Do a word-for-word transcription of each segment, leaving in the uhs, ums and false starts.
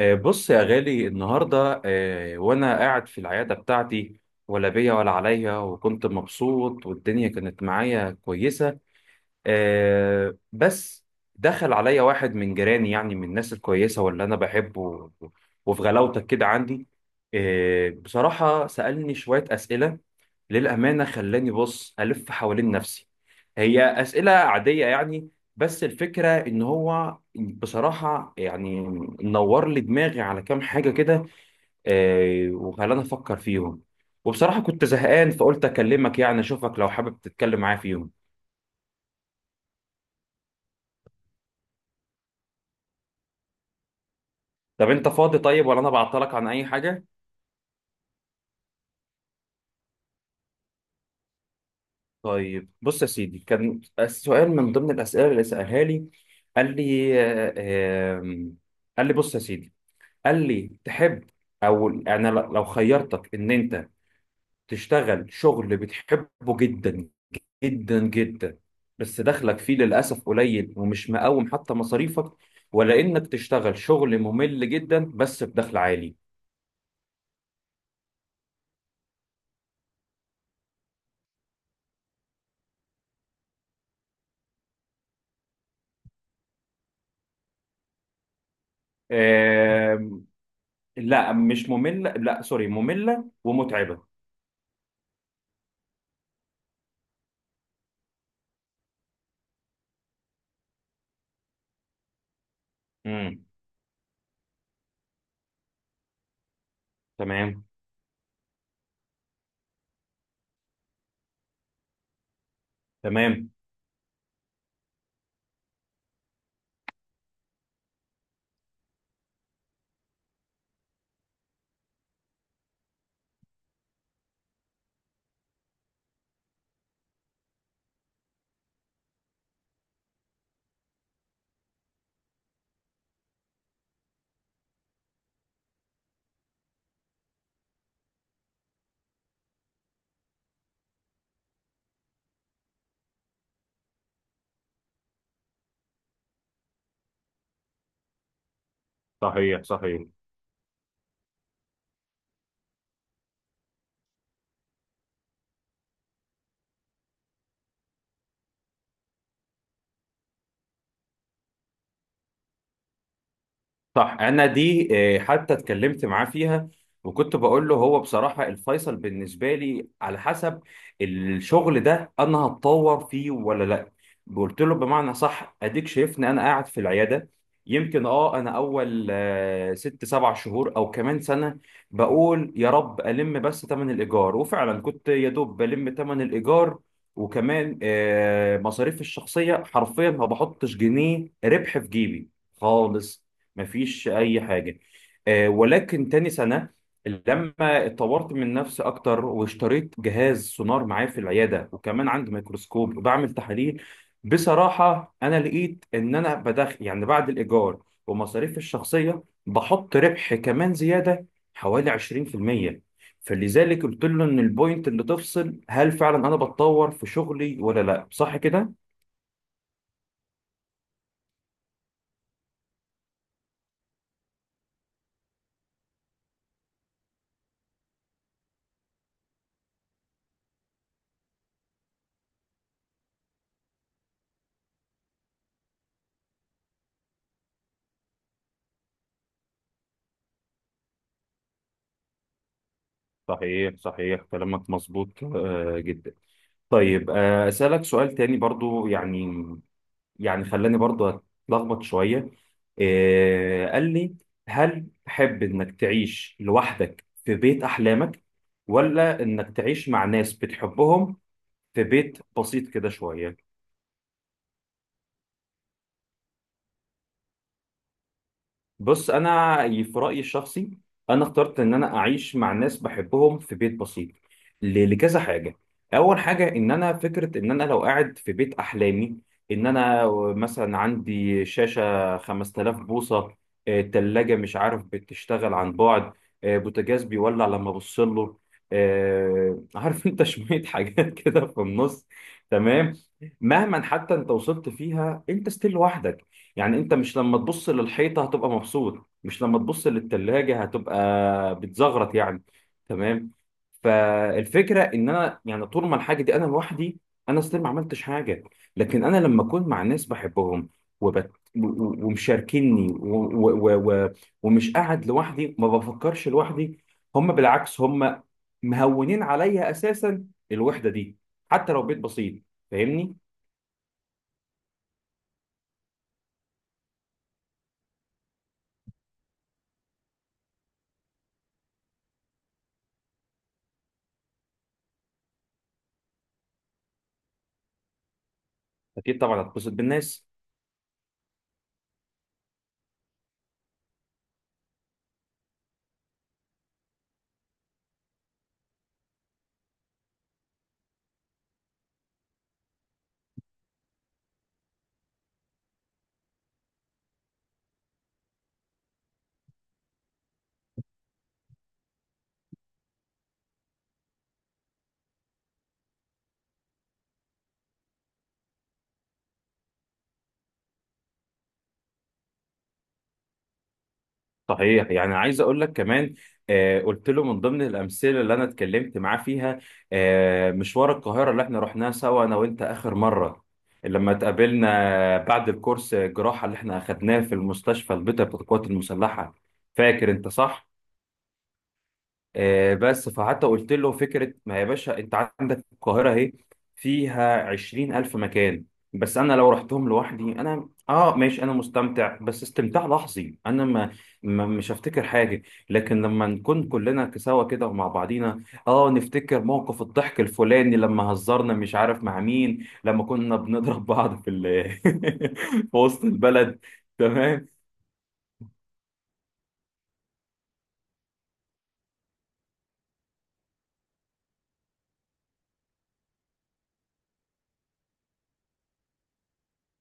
آه، بص يا غالي، النهاردة آه، وأنا قاعد في العيادة بتاعتي، ولا بيا ولا عليا، وكنت مبسوط والدنيا كانت معايا كويسة. آه بس دخل عليا واحد من جيراني، يعني من الناس الكويسة واللي أنا بحبه، و- وفي غلاوتك كده عندي. آه بصراحة سألني شوية أسئلة، للأمانة خلاني بص ألف حوالين نفسي. هي أسئلة عادية يعني، بس الفكرة إن هو بصراحة يعني نور لي دماغي على كام حاجة كده، آه، وخلاني أفكر فيهم. وبصراحة كنت زهقان فقلت أكلمك، يعني أشوفك لو حابب تتكلم معايا فيهم. طب انت فاضي طيب، ولا انا بعطلك عن اي حاجه؟ طيب، بص يا سيدي، كان سؤال من ضمن الاسئله اللي سالها لي. قال لي آه، آم، قال لي بص يا سيدي. قال لي: تحب، او انا ل- لو خيرتك ان انت تشتغل شغل بتحبه جدا جدا جدا، بس دخلك فيه للاسف قليل ومش مقوم حتى مصاريفك، ولا انك تشتغل شغل ممل جدا بس بدخل عالي. آم، لا مش ممل، لا سوري، مملة ومتعبة. امم تمام، تمام. صحيح، صحيح. صح. انا دي آه، حتى اتكلمت معاه فيها. وكنت بقول له: هو بصراحة الفيصل بالنسبة لي على حسب الشغل ده انا هتطور فيه ولا لا. قلت له بمعنى صح، اديك شايفني انا قاعد في العيادة، يمكن اه انا اول آه، ست سبع شهور او كمان سنة، بقول يا رب الم بس تمن الايجار، وفعلا كنت يا دوب بلم تمن الايجار، وكمان آه، مصاريفي الشخصية حرفيا ما بحطش جنيه ربح في جيبي خالص. مفيش اي حاجه. آه، ولكن تاني سنه لما اتطورت من نفسي اكتر، واشتريت جهاز سونار معايا في العياده، وكمان عندي ميكروسكوب وبعمل تحاليل، بصراحه انا لقيت ان انا بدخل، يعني بعد الايجار ومصاريف الشخصيه، بحط ربح كمان زياده حوالي عشرين في المية. فلذلك قلت له ان البوينت اللي تفصل هل فعلا انا بتطور في شغلي ولا لا، صح كده؟ صحيح، صحيح، كلامك مظبوط آه، جدا. طيب، آه، أسألك سؤال تاني برضو يعني، يعني خلاني برضو أتلخبط شوية. آه، قال لي: هل تحب إنك تعيش لوحدك في بيت أحلامك، ولا إنك تعيش مع ناس بتحبهم في بيت بسيط كده شوية؟ بص انا في رايي الشخصي، انا اخترت ان انا اعيش مع ناس بحبهم في بيت بسيط ل- لكذا حاجه. اول حاجه ان انا فكره ان انا لو قاعد في بيت احلامي، ان انا مثلا عندي شاشه خمس آلاف بوصه، آه، تلاجة مش عارف بتشتغل عن بعد، آه، بوتاجاز بيولع لما ابص له، آه، عارف انت شويه حاجات كده في النص. تمام. مهما حتى انت وصلت فيها، انت ستيل لوحدك. يعني انت مش لما تبص للحيطة هتبقى مبسوط، مش لما تبص للتلاجة هتبقى بتزغرط يعني. تمام. فالفكرة ان انا، يعني طول ما الحاجة دي انا لوحدي، انا اصلا ما عملتش حاجة. لكن انا لما اكون مع ناس بحبهم وبت... و- و- ومشاركيني و... و... و... و... ومش قاعد لوحدي، ما بفكرش لوحدي. هم بالعكس، هم مهونين عليا اساسا الوحدة دي، حتى لو بيت بسيط. فاهمني؟ اكيد طبعا هتبسط بالناس. صحيح. يعني عايز اقول لك كمان، آه قلت له من ضمن الامثله اللي انا اتكلمت معاه فيها، آه مشوار القاهره اللي احنا رحناه سوا انا وانت اخر مره لما اتقابلنا بعد الكورس الجراحه اللي احنا اخدناه في المستشفى البيطري بتاع القوات المسلحه. فاكر انت، صح؟ آه، بس فحتى قلت له: فكرة ما، يا باشا انت عندك القاهرة اهي، فيها عشرين ألف مكان. بس أنا لو رحتهم لوحدي، أنا آه ماشي، أنا مستمتع بس استمتاع لحظي، أنا ما ما- مش هفتكر حاجة. لكن لما نكون كلنا سوا كده ومع بعضينا، آه نفتكر موقف الضحك الفلاني، لما هزرنا مش عارف مع مين، لما كنا بنضرب بعض في ال في وسط البلد. تمام.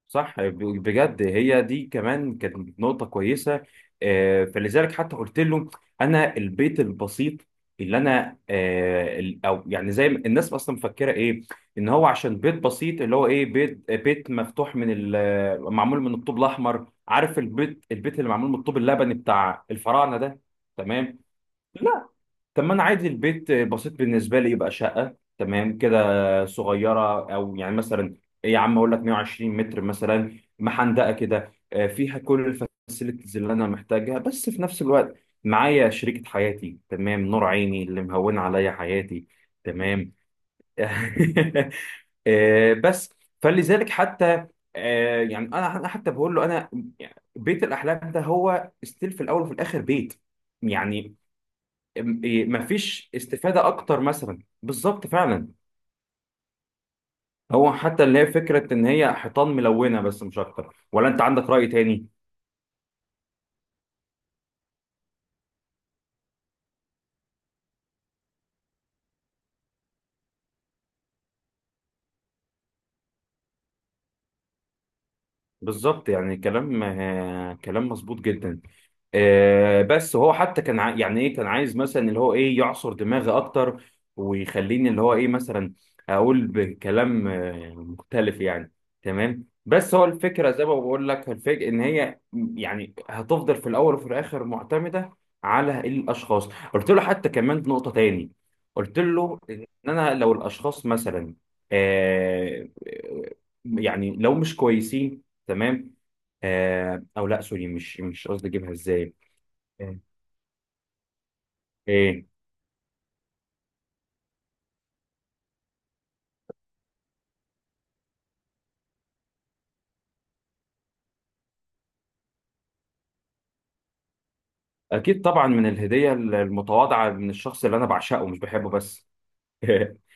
صح. ب- بجد هي دي كمان كانت نقطة كويسة. آه، فلذلك حتى قلت له: أنا البيت البسيط اللي أنا آه، ال- أو يعني زي ما الناس أصلا مفكرة إيه، إن هو عشان بيت بسيط اللي هو إيه، بيت بيت مفتوح من ال- معمول من الطوب الأحمر، عارف البيت البيت اللي معمول من الطوب اللبني بتاع الفراعنة ده. تمام. طب ما انا عادي البيت بسيط بالنسبه لي يبقى شقه تمام كده، صغيره، او يعني مثلا يا عم اقول لك مية وعشرين متر مثلا محندقه كده، آه، فيها كل الفاسيلتيز اللي انا محتاجها، بس في نفس الوقت معايا شريكه حياتي، تمام، نور عيني اللي مهون عليا حياتي. تمام. آه، بس. فلذلك حتى آه، يعني انا، أنا حتى بقول له انا يعني بيت الاحلام ده هو ستيل في الاول وفي الاخر بيت يعني. مفيش استفادة أكتر مثلا، بالظبط فعلا. هو حتى اللي هي فكرة إن هي حيطان ملونة بس، مش أكتر، ولا أنت عندك رأي تاني؟ بالظبط. يعني كلام آه، كلام مظبوط جدا. آه، بس هو حتى كان عا- يعني ايه، كان عايز مثلا اللي هو ايه يعصر دماغي اكتر، ويخليني اللي هو ايه مثلا اقول بكلام آه، مختلف يعني. تمام. بس هو الفكره، زي ما بقول لك، الفكره ان هي يعني هتفضل في الاول وفي الاخر معتمده على الاشخاص. قلت له حتى كمان نقطه تاني، قلت له ان انا لو الاشخاص مثلا، آه، يعني لو مش كويسين، تمام، آه او لا سوري، مش مش قصدي اجيبها ازاي. ايه، إيه؟ اكيد طبعا، من الهديه المتواضعه من الشخص اللي انا بعشقه مش بحبه بس.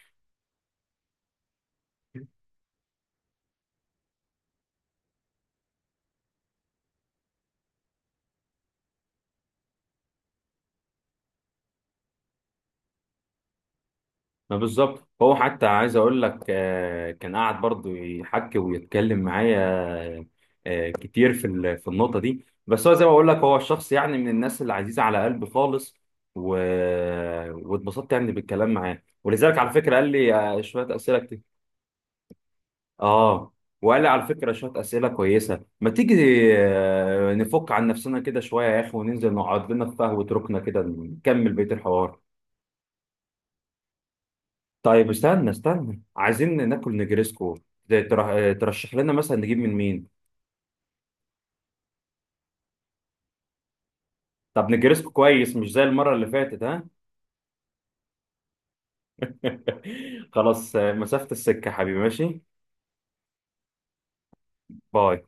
ما بالظبط. هو حتى عايز اقول لك آه، كان قاعد برضو يحكي ويتكلم معايا آه، كتير في ال- في النقطه دي. بس هو، زي ما بقول لك، هو الشخص يعني من الناس اللي عزيزه على قلبي خالص. و... واتبسطت يعني بالكلام معاه، ولذلك على فكره قال لي آه، شويه اسئله. اه. وقال لي: على فكرة شوية أسئلة كويسة، ما تيجي آه، نفك عن نفسنا كده شوية يا أخي، وننزل نقعد لنا في قهوة ركنة كده نكمل بقية الحوار. طيب، استنى استنى، عايزين ناكل نجريسكو، ده تر- آه، ترشح لنا مثلا نجيب من مين. طب نجريسكو كويس مش زي المرة اللي فاتت، ها؟ خلاص. آه، مسافة السكة حبيبي ماشي. باي.